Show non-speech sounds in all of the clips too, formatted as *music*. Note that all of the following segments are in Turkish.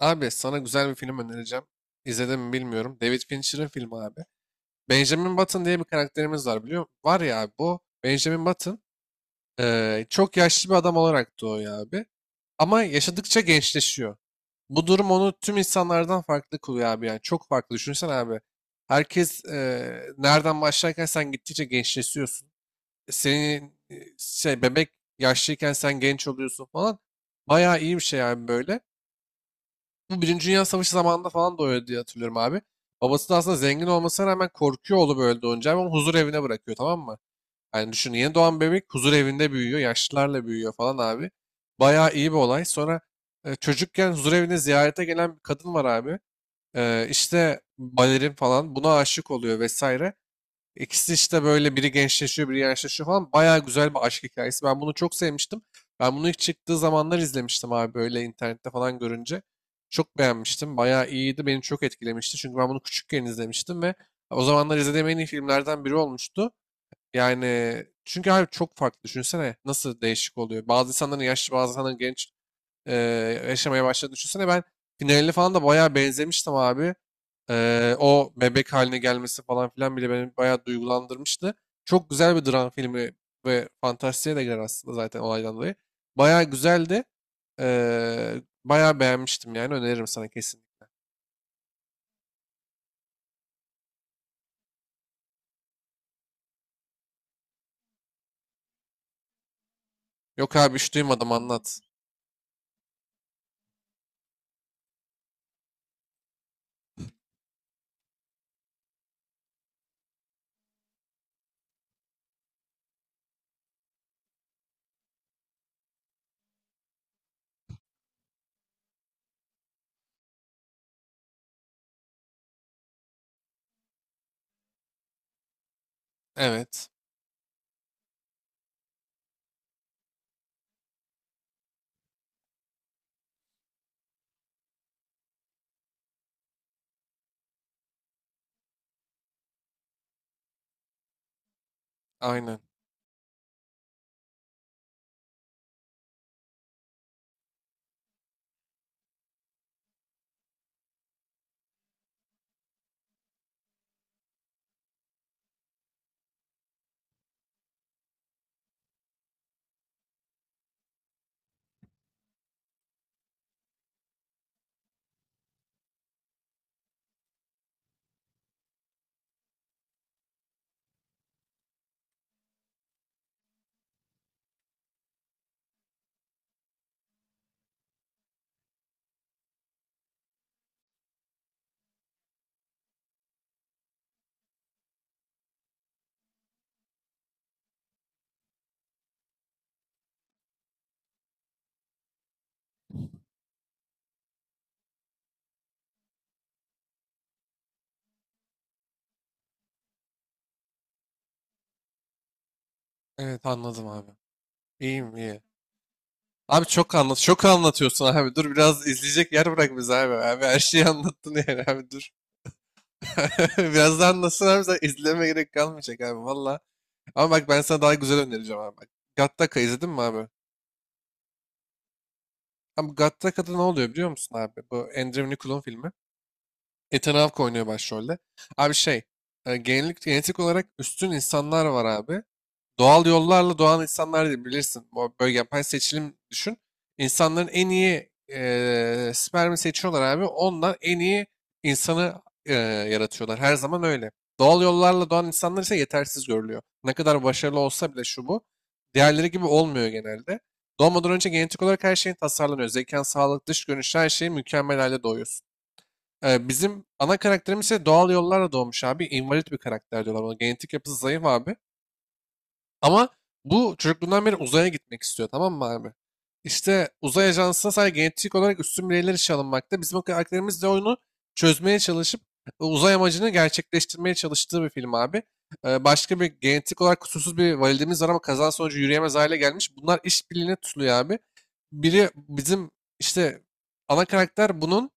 Abi sana güzel bir film önereceğim. İzledin mi bilmiyorum. David Fincher'ın filmi abi. Benjamin Button diye bir karakterimiz var biliyor musun? Var ya abi bu Benjamin Button çok yaşlı bir adam olarak doğuyor abi. Ama yaşadıkça gençleşiyor. Bu durum onu tüm insanlardan farklı kılıyor abi yani. Çok farklı. Düşünsene abi. Herkes nereden başlarken sen gittikçe gençleşiyorsun. Senin şey bebek yaşlıyken sen genç oluyorsun falan. Bayağı iyi bir şey abi böyle. Bu Birinci Dünya Savaşı zamanında falan da öyle diye hatırlıyorum abi. Babası da aslında zengin olmasına rağmen korkuyor oğlu böyle doğunca. Ama onu huzur evine bırakıyor, tamam mı? Yani düşün, yeni doğan bebek huzur evinde büyüyor. Yaşlılarla büyüyor falan abi. Bayağı iyi bir olay. Sonra çocukken huzur evine ziyarete gelen bir kadın var abi. E, işte balerin falan buna aşık oluyor vesaire. İkisi işte böyle, biri gençleşiyor, biri yaşlaşıyor falan. Baya güzel bir aşk hikayesi. Ben bunu çok sevmiştim. Ben bunu ilk çıktığı zamanlar izlemiştim abi, böyle internette falan görünce. Çok beğenmiştim. Baya iyiydi. Beni çok etkilemişti. Çünkü ben bunu küçükken izlemiştim ve o zamanlar izlediğim en iyi filmlerden biri olmuştu. Yani çünkü abi çok farklı. Düşünsene nasıl değişik oluyor. Bazı insanların yaşlı, bazı insanların genç e, yaşamaya başladı. Düşünsene ben finalini falan da bayağı benzemiştim abi. O bebek haline gelmesi falan filan bile beni bayağı duygulandırmıştı. Çok güzel bir dram filmi ve fantastiğe de girer aslında, zaten olaydan dolayı. Bayağı güzeldi. Bayağı beğenmiştim, yani öneririm sana kesin. Yok abi, hiç duymadım, anlat. Evet. Aynen. Evet, anladım abi. İyiyim iyi. Abi çok anlat. Çok anlatıyorsun abi. Dur biraz, izleyecek yer bırak bize abi. Abi her şeyi anlattın yani abi, dur. *laughs* Birazdan nasıl abi, sen izleme, gerek kalmayacak abi valla. Ama bak, ben sana daha güzel önereceğim abi. Bak, Gattaca izledin mi abi? Abi Gattaca'da ne oluyor biliyor musun abi? Bu Andrew Nicholl'un filmi. Ethan Hawke oynuyor başrolde. Abi şey, e, genellik genetik olarak üstün insanlar var abi. Doğal yollarla doğan insanlar değil, bilirsin. Bu böyle yapay seçilim, düşün. İnsanların en iyi spermi seçiyorlar abi. Ondan en iyi insanı yaratıyorlar. Her zaman öyle. Doğal yollarla doğan insanlar ise yetersiz görülüyor. Ne kadar başarılı olsa bile, şu bu. Diğerleri gibi olmuyor genelde. Doğmadan önce genetik olarak her şeyin tasarlanıyor. Zekan, sağlık, dış görünüş, her şeyin mükemmel halde doğuyorsun. Bizim ana karakterimiz ise doğal yollarla doğmuş abi. İnvalid bir karakter diyorlar ona. Genetik yapısı zayıf abi. Ama bu çocukluğundan beri uzaya gitmek istiyor, tamam mı abi? İşte uzay ajansına sadece genetik olarak üstün bireyler işe alınmakta. Bizim karakterimiz de oyunu çözmeye çalışıp uzay amacını gerçekleştirmeye çalıştığı bir film abi. Başka bir genetik olarak kusursuz bir validemiz var ama kaza sonucu yürüyemez hale gelmiş. Bunlar işbirliğine tutuluyor abi. Biri bizim işte ana karakter bunun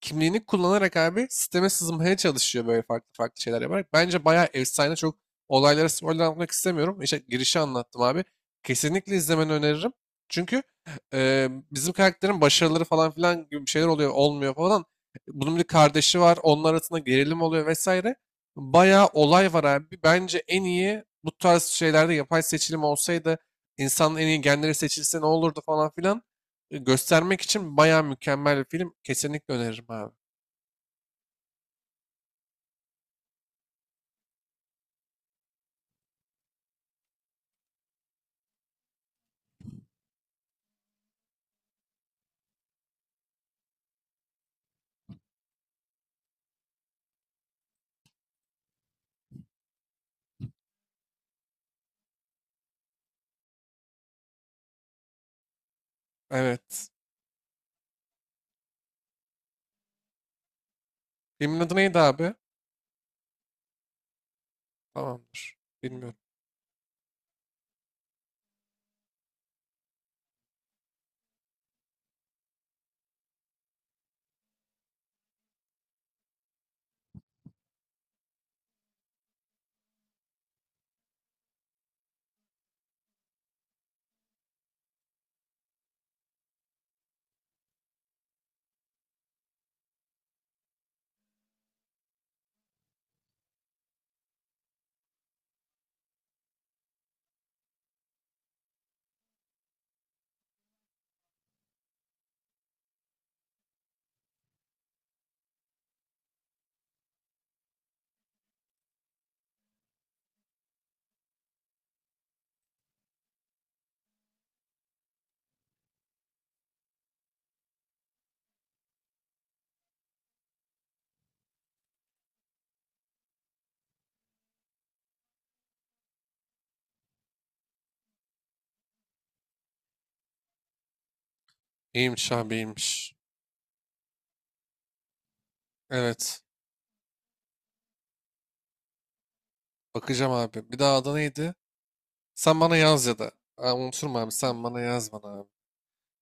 kimliğini kullanarak abi sisteme sızmaya çalışıyor, böyle farklı farklı şeyler yaparak. Bence bayağı efsane, çok. Olaylara spoiler anlatmak istemiyorum. İşte girişi anlattım abi. Kesinlikle izlemeni öneririm. Çünkü bizim karakterin başarıları falan filan gibi bir şeyler oluyor, olmuyor falan. Bunun bir kardeşi var. Onlar arasında gerilim oluyor vesaire. Bayağı olay var abi. Bence en iyi bu tarz şeylerde, yapay seçilim olsaydı insanın en iyi genleri seçilse ne olurdu falan filan göstermek için bayağı mükemmel bir film. Kesinlikle öneririm abi. Evet. Filmin adı neydi abi? Tamamdır. Bilmiyorum. İyiymiş abi, iyiymiş. Evet. Bakacağım abi. Bir daha adı neydi? Sen bana yaz ya da. Aa, unuturum abi. Sen bana yaz, bana abi.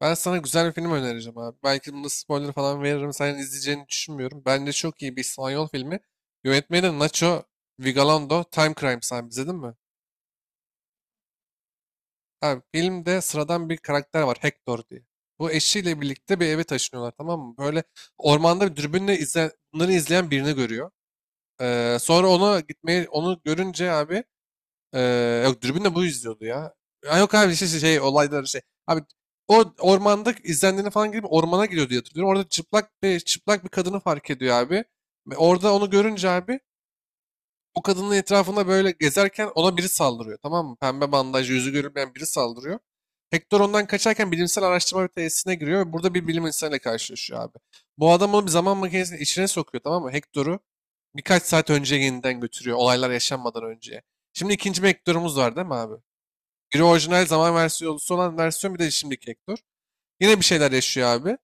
Ben sana güzel bir film önereceğim abi. Belki bunda spoiler falan veririm. Sen izleyeceğini düşünmüyorum. Bence çok iyi bir İspanyol filmi. Yönetmeni de Nacho Vigalondo. Time Crimes abi, izledin mi? Abi filmde sıradan bir karakter var. Hector diye. Bu eşiyle birlikte bir eve taşınıyorlar, tamam mı? Böyle ormanda bir dürbünle izle, bunları izleyen birini görüyor. Sonra ona gitmeyi, onu görünce abi yok, dürbünle bu izliyordu ya. Ha, yok abi şey olayları şey. Abi o ormanda izlendiğini falan gibi ormana gidiyor diye hatırlıyorum. Orada çıplak bir kadını fark ediyor abi. Ve orada onu görünce abi o kadının etrafında böyle gezerken ona biri saldırıyor, tamam mı? Pembe bandaj, yüzü görünmeyen biri saldırıyor. Hector ondan kaçarken bilimsel araştırma tesisine giriyor ve burada bir bilim insanıyla karşılaşıyor abi. Bu adam onu bir zaman makinesinin içine sokuyor, tamam mı? Hector'u birkaç saat önce yeniden götürüyor, olaylar yaşanmadan önce. Şimdi ikinci bir Hector'umuz var, değil mi abi? Biri orijinal zaman versiyonu olan versiyon, bir de şimdiki Hector. Yine bir şeyler yaşıyor abi.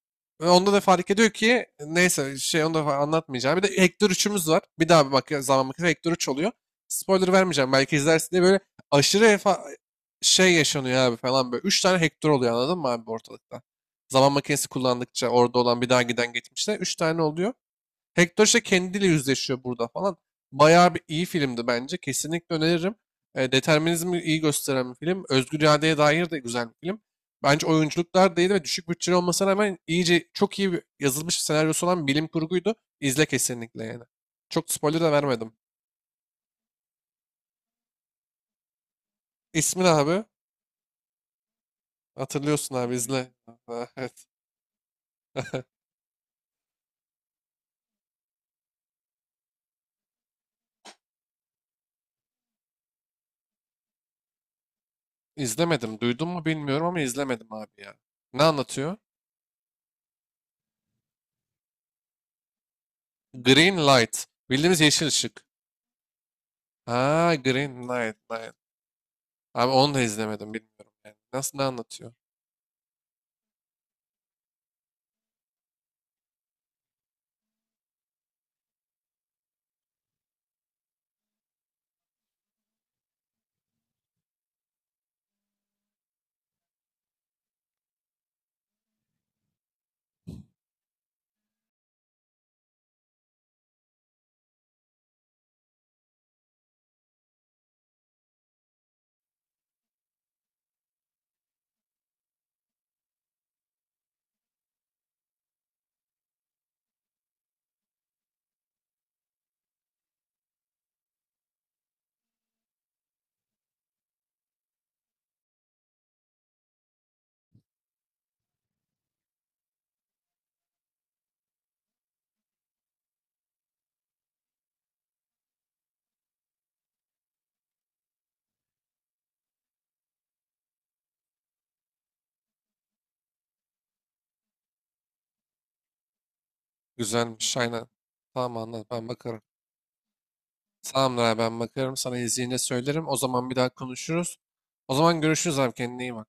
Ve onda da fark ediyor ki neyse, şey, onu da anlatmayacağım. Bir de Hector üçümüz var. Bir daha bir bak, zaman bakıyor, Hector üç oluyor. Spoiler vermeyeceğim belki izlersin diye, böyle aşırı şey yaşanıyor abi falan böyle. Üç tane Hector oluyor, anladın mı abi, ortalıkta? Zaman makinesi kullandıkça orada olan bir daha giden geçmişte 3 tane oluyor. Hector işte kendiyle yüzleşiyor burada falan. Bayağı bir iyi filmdi bence. Kesinlikle öneririm. E, determinizmi iyi gösteren bir film. Özgür iradeye dair de güzel bir film. Bence oyunculuklar da iyiydi ve düşük bütçeli olmasına rağmen çok iyi yazılmış bir senaryosu olan bilim kurguydu. İzle kesinlikle yani. Çok spoiler da vermedim. İsmi ne abi? Hatırlıyorsun abi, izle. *laughs* Evet. İzlemedim. Duydun mu bilmiyorum ama izlemedim abi ya. Ne anlatıyor? Green light. Bildiğimiz yeşil ışık. Ha, green light. Light. Abi onu da izlemedim, bilmiyorum yani. Nasıl, ne anlatıyor? Güzelmiş, aynen. Tamam, anlat, ben bakarım. Tamamdır abi, ben bakarım, sana izleyince söylerim. O zaman bir daha konuşuruz. O zaman görüşürüz abi, kendine iyi bak.